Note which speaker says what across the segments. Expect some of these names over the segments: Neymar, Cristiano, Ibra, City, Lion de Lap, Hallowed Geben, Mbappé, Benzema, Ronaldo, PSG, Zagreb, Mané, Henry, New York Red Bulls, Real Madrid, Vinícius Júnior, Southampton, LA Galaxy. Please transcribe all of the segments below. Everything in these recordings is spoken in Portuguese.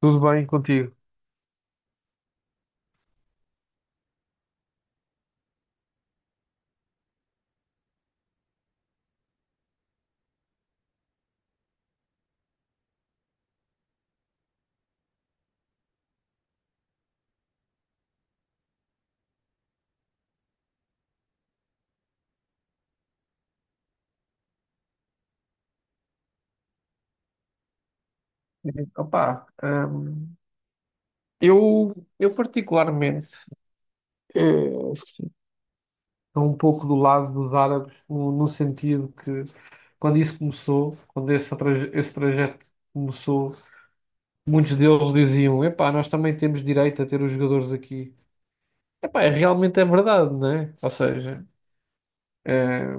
Speaker 1: Tudo bem contigo? Opa, hum, eu particularmente eh, estou um pouco do lado dos árabes no sentido que quando isso começou, esse trajeto começou, muitos deles diziam, epá, nós também temos direito a ter os jogadores aqui. Epá, realmente é verdade, né? Ou seja, eh,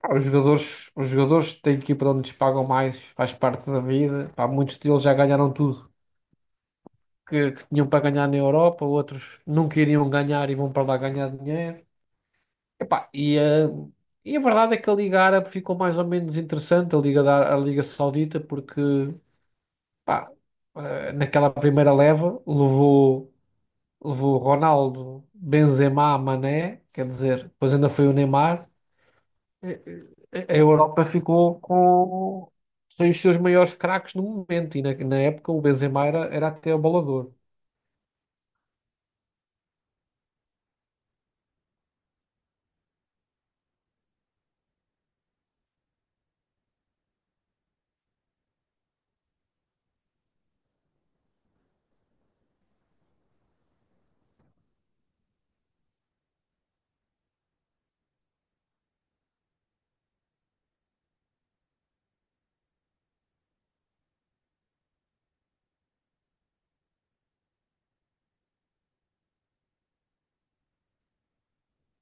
Speaker 1: pá, os jogadores têm que ir para onde lhes pagam mais, faz parte da vida. Pá, muitos deles já ganharam tudo que tinham para ganhar na Europa, outros não queriam ganhar e vão para lá ganhar dinheiro. Epá, e, eh, e a verdade é que a Liga Árabe ficou mais ou menos interessante, a Liga Saudita, porque pá, naquela primeira levou Ronaldo, Benzema, Mané, quer dizer, depois ainda foi o Neymar. Eh, A Europa ficou com sem os seus maiores craques no momento, e na época o Benzema era até abalador.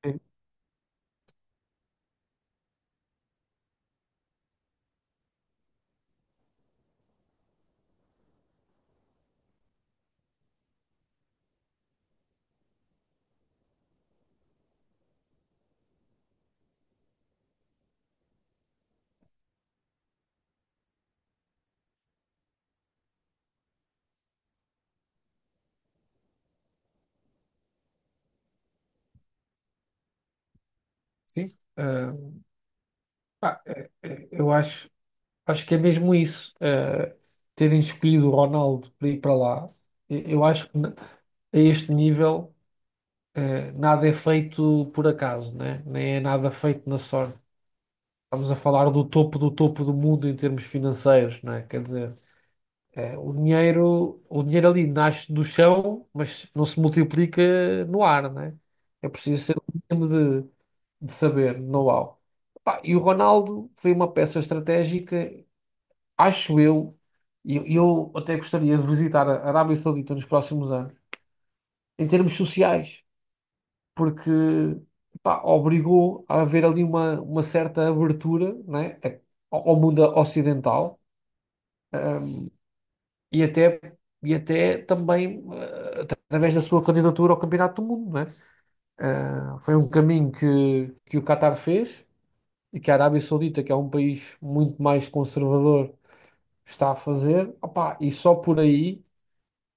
Speaker 1: Sim. Sim. Pá, eu acho que é mesmo isso. Terem escolhido o Ronaldo para ir para lá, eu acho que n- a este nível, nada é feito por acaso, né? Nem é nada feito na sorte. Estamos a falar do topo do topo do mundo em termos financeiros, né? Quer dizer, o dinheiro ali nasce do chão, mas não se multiplica no ar, né? É preciso ser um mínimo de, de saber, know-how. Pá, e o Ronaldo foi uma peça estratégica acho eu, e eu até gostaria de visitar a Arábia Saudita nos próximos anos, em termos sociais, porque pá, obrigou a haver ali uma certa abertura, né, ao mundo ocidental, ahm, e até, e até também através da sua candidatura ao Campeonato do Mundo, né? Ah, foi um caminho que o Qatar fez e que a Arábia Saudita, que é um país muito mais conservador, está a fazer, opá, e só por aí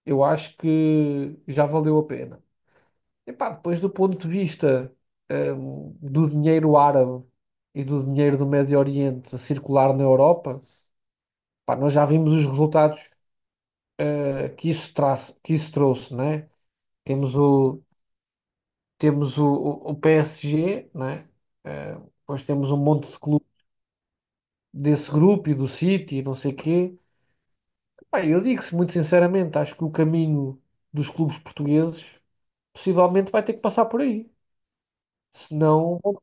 Speaker 1: eu acho que já valeu a pena. Epá, depois do ponto de vista, do dinheiro árabe e do dinheiro do Médio Oriente a circular na Europa, pá, nós já vimos os resultados, que isso traz, que isso trouxe, né? Temos o, temos o, o PSG, né? Eh, Depois temos um monte de clubes desse grupo e do City e não sei quê. Pá, eu digo-se muito sinceramente, acho que o caminho dos clubes portugueses possivelmente vai ter que passar por aí. Senão,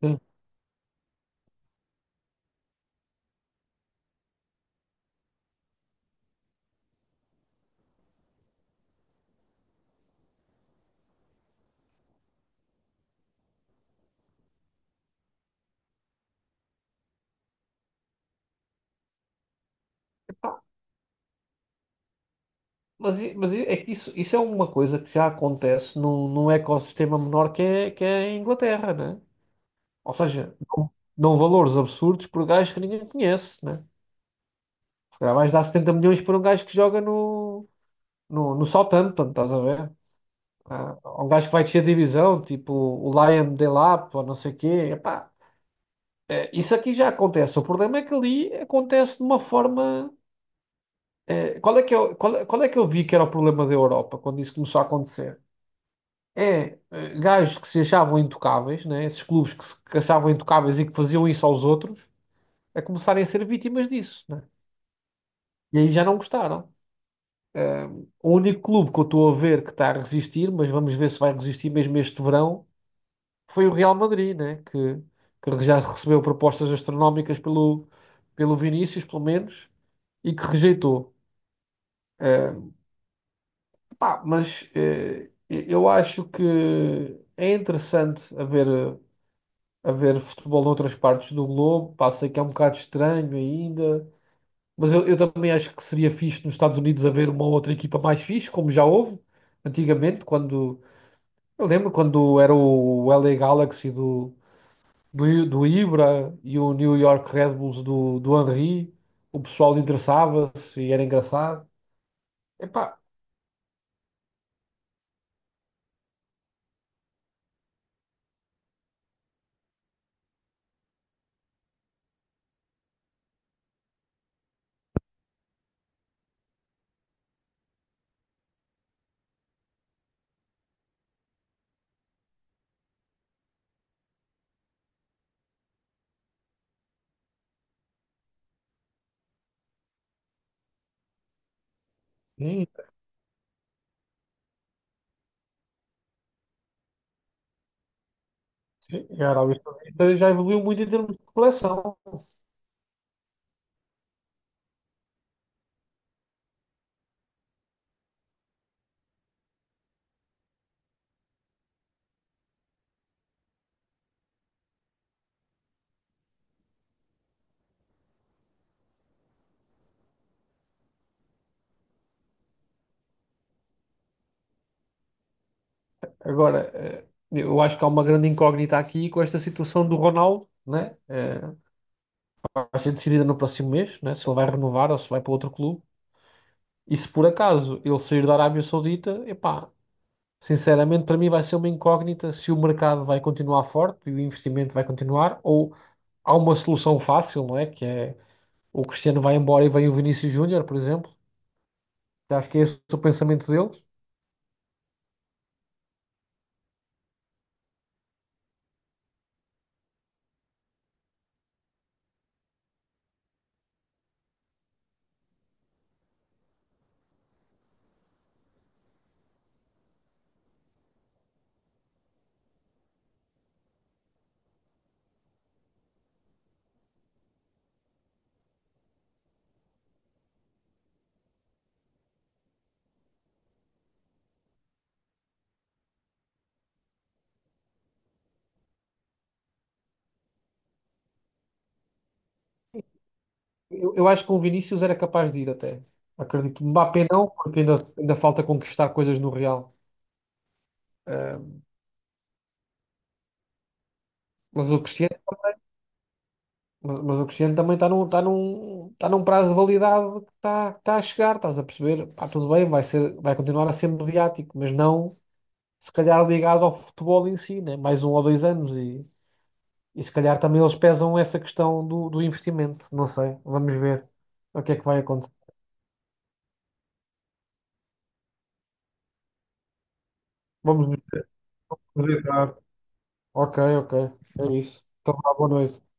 Speaker 1: sim. Epá, Mas, é que isso é uma coisa que já acontece num, num ecossistema menor que é a Inglaterra, né? Ou seja, dão valores absurdos por gajos que ninguém conhece, né? Se calhar vais dar 70 milhões por um gajo que joga no Southampton, estás a ver? Ah, um gajo que vai descer a divisão, tipo o Lion de Lap, ou não sei o quê. Epá, é, isso aqui já acontece. O problema é que ali acontece de uma forma. Qual é que eu vi que era o problema da Europa quando isso começou a acontecer? É, gajos que se achavam intocáveis, né? Esses clubes que se que achavam intocáveis e que faziam isso aos outros, a começarem a ser vítimas disso, né? E aí já não gostaram. Eh, o único clube que eu estou a ver que está a resistir, mas vamos ver se vai resistir mesmo este verão, foi o Real Madrid, né? Que já recebeu propostas astronómicas pelo Vinícius, pelo menos, e que rejeitou. Eh, Pá, mas eu acho que é interessante haver futebol noutras partes do globo. Pá, sei que é um bocado estranho ainda, mas eu também acho que seria fixe nos Estados Unidos haver uma outra equipa mais fixe, como já houve antigamente, quando eu lembro quando era o LA Galaxy do Ibra e o New York Red Bulls do Henry, o pessoal interessava-se e era engraçado. Epá, sim, e a Arábia Saudita já evoluiu muito em termos de coleção. Agora, eu acho que há uma grande incógnita aqui com esta situação do Ronaldo, né? Vai ser decidida no próximo mês, né? Se ele vai renovar ou se vai para outro clube. E se por acaso ele sair da Arábia Saudita, epá, sinceramente para mim vai ser uma incógnita se o mercado vai continuar forte e o investimento vai continuar, ou há uma solução fácil, não é? Que é: o Cristiano vai embora e vem o Vinícius Júnior, por exemplo. Acho que é esse o pensamento deles. Eu acho que com o Vinícius era capaz de ir até. Acredito. Mbappé não, porque ainda falta conquistar coisas no Real. Eh, mas o Cristiano, mas o Cristiano também está está num prazo de validade que que está a chegar, estás a perceber? Pá, tudo bem, vai continuar a ser mediático, mas não se calhar ligado ao futebol em si, né? Mais um ou dois anos e se calhar também eles pesam essa questão do investimento. Não sei, vamos ver o que é que vai acontecer. Vamos ver. Vamos ver, claro. Ok, ok. É isso. Então, vá, boa noite.